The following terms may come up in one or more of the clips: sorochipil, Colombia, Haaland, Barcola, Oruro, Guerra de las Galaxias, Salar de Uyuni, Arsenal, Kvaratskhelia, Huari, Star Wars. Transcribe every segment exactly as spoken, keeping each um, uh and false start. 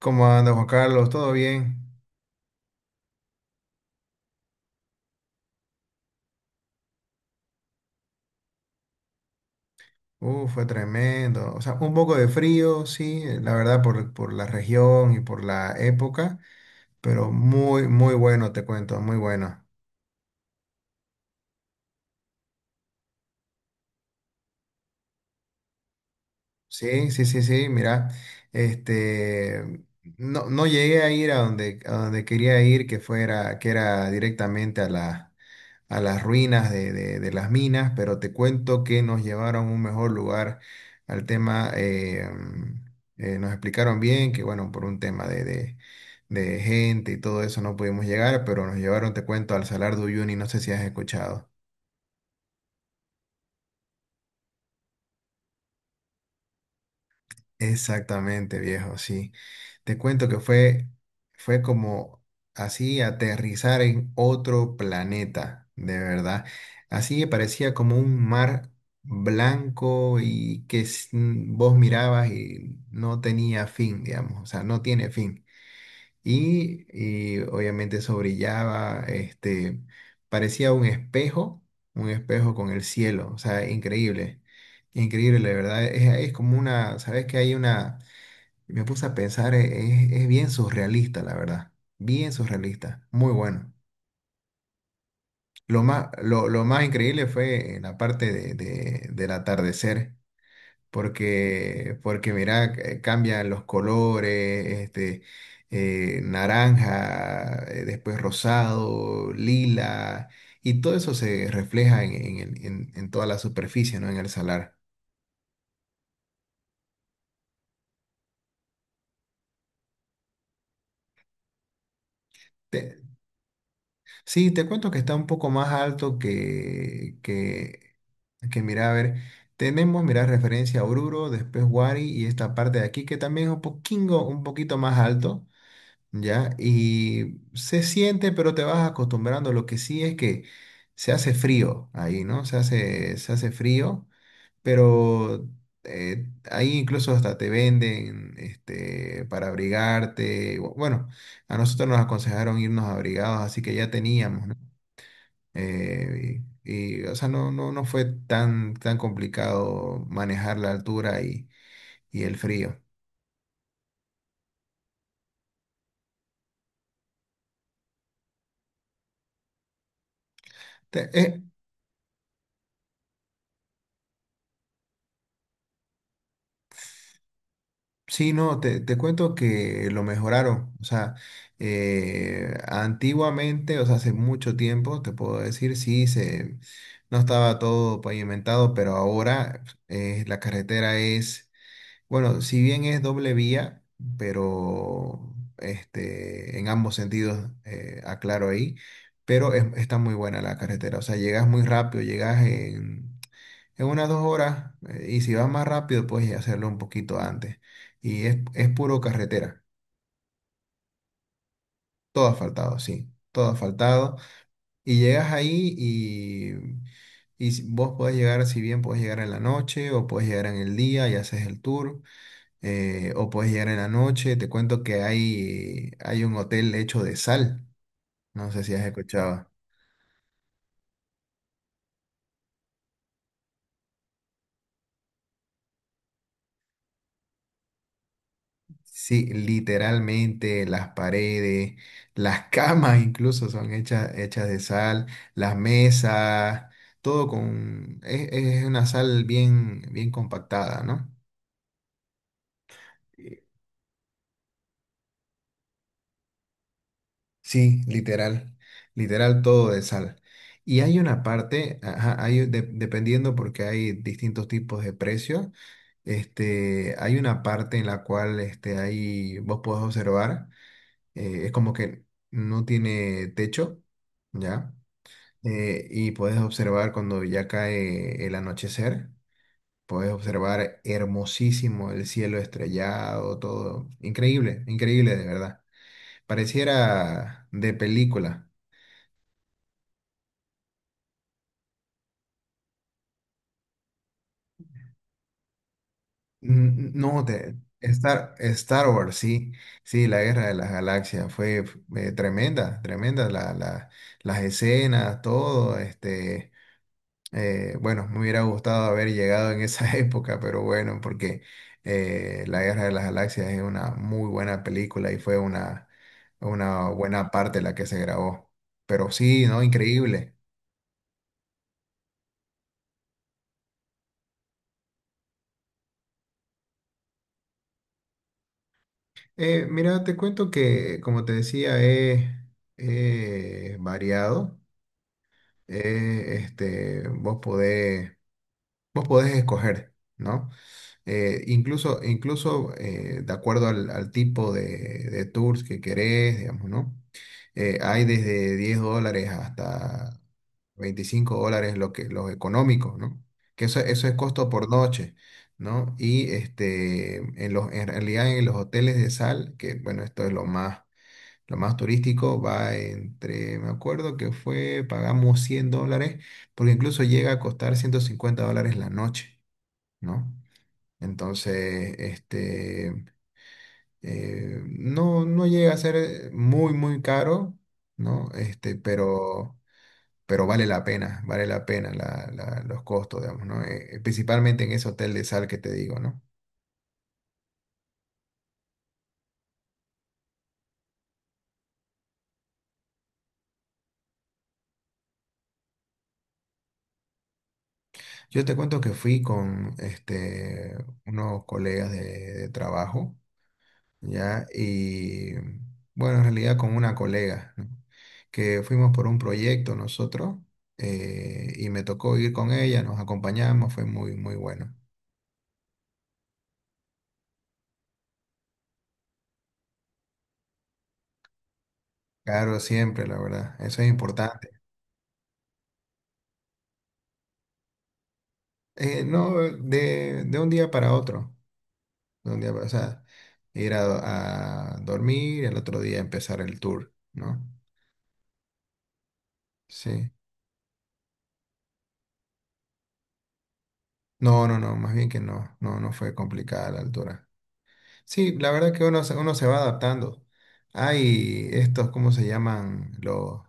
¿Cómo anda Juan Carlos? ¿Todo bien? Uh, fue tremendo. O sea, un poco de frío, sí, la verdad, por, por la región y por la época, pero muy, muy bueno, te cuento, muy bueno. Sí, sí, sí, sí, mira, este, no, no llegué a ir a donde, a donde, quería ir, que fuera, que era directamente a la, a las ruinas de, de- de las minas, pero te cuento que nos llevaron a un mejor lugar al tema, eh, mm, eh, nos explicaron bien que, bueno, por un tema de, de, de gente y todo eso no pudimos llegar, pero nos llevaron, te cuento, al Salar de Uyuni, no sé si has escuchado. Exactamente, viejo, sí. Te cuento que fue, fue como así aterrizar en otro planeta, de verdad. Así que parecía como un mar blanco y que s- mm, vos mirabas y no tenía fin, digamos, o sea, no tiene fin. Y, y obviamente eso brillaba, este, parecía un espejo, un espejo con el cielo, o sea, increíble. Increíble, la verdad. Es, es como una, ¿sabes que hay una? Me puse a pensar, e- es, es bien surrealista, la verdad. Bien surrealista, muy bueno. Lo más, lo, lo más increíble fue en la parte de, de- del atardecer, porque, porque mira, eh, cambian los colores, este, eh, naranja, eh, después rosado, lila, y todo eso se refleja en, en, el- en- en toda la superficie, ¿no? En el salar. Sí, te cuento que está un poco más alto que, que, que mira, a ver, tenemos, mira, referencia a Oruro, después Huari y esta parte de aquí que también es un poquingo, un poquito más alto, ¿ya? Y se siente, pero te vas acostumbrando. Lo que sí es que se hace frío ahí, ¿no? Se hace, se hace frío, pero eh, ahí incluso hasta te venden, este, para abrigarte. Bueno, a nosotros nos aconsejaron irnos abrigados, así que ya teníamos, ¿no? Eh, y, y, o sea, no, no, no fue tan, tan complicado manejar la altura y, y el frío. Te- eh, sí, no, te, te cuento que lo mejoraron. O sea, eh, antiguamente, o sea, hace mucho tiempo, te puedo decir, sí, se, no estaba todo pavimentado, pero ahora eh, la carretera es, bueno, si bien es doble vía, pero este, en ambos sentidos, eh, aclaro ahí, pero es- está muy buena la carretera. O sea, llegas muy rápido, llegas en, en unas dos horas, eh, y si vas más rápido, puedes hacerlo un poquito antes. Y es, es puro carretera, todo asfaltado, sí, todo asfaltado. Y llegas ahí y, y si- vos podés llegar, si bien podés llegar en la noche o podés llegar en el día y haces el tour. eh, o puedes llegar en la noche. Te cuento que hay, hay un hotel hecho de sal. No sé si has escuchado. Sí, literalmente las paredes, las camas incluso son hechas, hechas de sal, las mesas, todo con... Es, es una sal bien, bien compactada, ¿no? Sí, literal, literal todo de sal. Y hay una parte, ajá, hay, de- dependiendo porque hay distintos tipos de precios, este, hay una parte en la cual este, ahí vos podés observar, eh, es como que no tiene techo, ¿ya? Eh, y podés observar cuando ya cae el anochecer, podés observar hermosísimo el cielo estrellado, todo. Increíble, increíble de verdad. Pareciera de película. Mm, No, de Star, Star Wars, sí, sí, la Guerra de las Galaxias fue eh, tremenda, tremenda, la, la- las escenas, todo, este, eh, bueno, me hubiera gustado haber llegado en esa época, pero bueno, porque eh, la Guerra de las Galaxias es una muy buena película y fue una, una buena parte la que se grabó, pero sí, ¿no? Increíble. Eh, mira, te cuento que, como te decía, he he variado. eh, este, vos podés, vos podés escoger, ¿no? Eh, incluso, incluso eh, de acuerdo al, al tipo de, de tours que querés, digamos, ¿no? Eh, hay desde diez dólares hasta veinticinco dólares lo que, los económicos, ¿no? Que eso, eso es costo por noche, ¿no? Y este, en los, en realidad en los hoteles de sal, que bueno, esto es lo más lo más turístico va entre, me acuerdo que fue, pagamos cien dólares, porque incluso llega a costar ciento cincuenta dólares la noche, ¿no? Entonces, este, eh, no, no, llega a ser eh, muy, muy caro, ¿no? Este, pero, pero vale la pena, vale la pena la- la- los costos, digamos, ¿no? Eh, eh, principalmente en ese hotel de sal que te digo, ¿no? Yo te cuento que fui con, este, unos colegas de de trabajo. ¿Ya? Y bueno, en realidad con una colega, ¿no? Que fuimos por un proyecto nosotros, eh, y me tocó ir con ella, nos acompañamos, fue muy, muy bueno. Claro, siempre, la verdad, eso es importante. Eh, no, de, de un día para otro, de un día para, o sea, ir a, a dormir y el otro día empezar el tour, ¿no? Sí. No, no, no, más bien que no, no, no fue complicada la altura. Sí, la verdad que uno, se- uno se va adaptando. Hay estos, ¿cómo se llaman? Los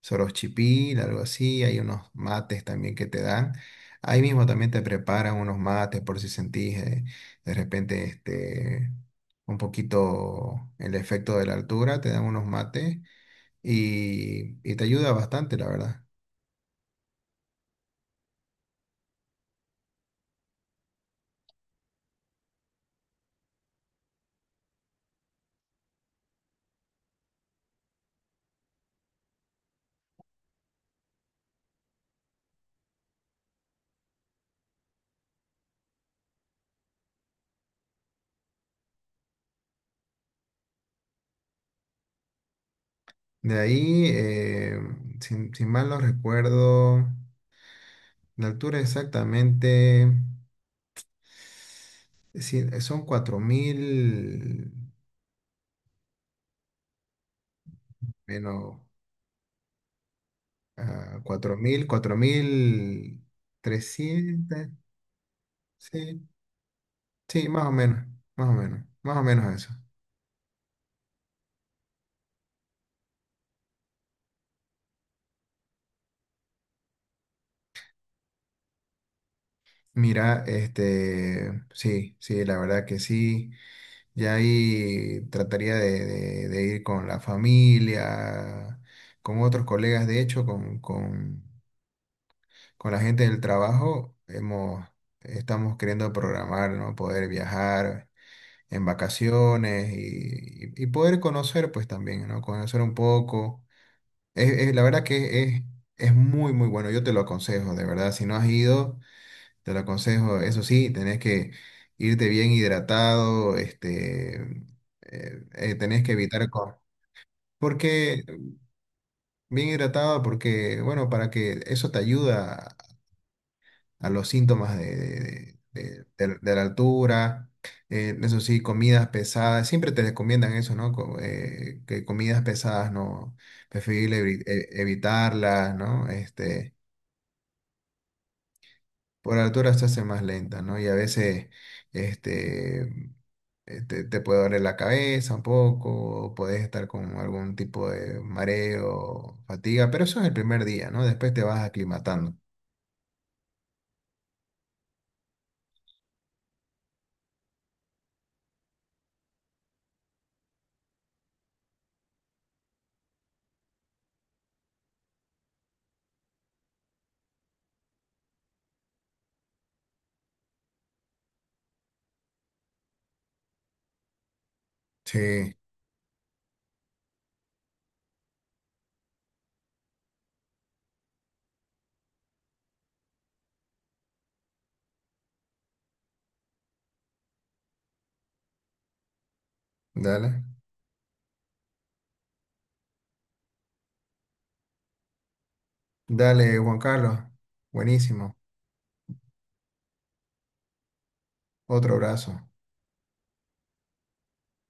sorochipil, algo así. Hay unos mates también que te dan. Ahí mismo también te preparan unos mates por si sentís eh, de repente este, un poquito el efecto de la altura. Te dan unos mates y, y te ayuda bastante, la verdad. De ahí, eh, sin, sin mal no recuerdo, la altura exactamente. Sí, son cuatro mil menos ah, cuatro mil cuatro mil trescientos. Sí, sí, más o menos, más o menos, más o menos eso. Mira, este, sí, sí, la verdad que sí. Ya ahí trataría de, de- de ir con la familia, con otros colegas, de hecho, con, con, con la gente del trabajo, hemos, estamos queriendo programar, ¿no? Poder viajar en vacaciones y, y- y poder conocer pues también, ¿no? Conocer un poco. Es, es- la verdad que es, es muy, muy bueno. Yo te lo aconsejo, de verdad. Si no has ido, te lo aconsejo. Eso sí, tenés que irte bien hidratado, este, eh, eh, tenés que evitar... co- Porque bien hidratado, porque, bueno, para que eso te ayuda a los síntomas de, de- de- de- de la altura. eh, eso sí, comidas pesadas, siempre te recomiendan eso, ¿no? Co- eh, que comidas pesadas no, preferible evi- e- evitarlas, ¿no? Este, por altura se hace más lenta, ¿no? Y a veces, este, eh, te, te puede doler la cabeza un poco, o puedes estar con algún tipo de mareo, fatiga, pero eso es el primer día, ¿no? Después te vas aclimatando. Sí, dale. Dale, Juan Carlos. Buenísimo. Otro abrazo.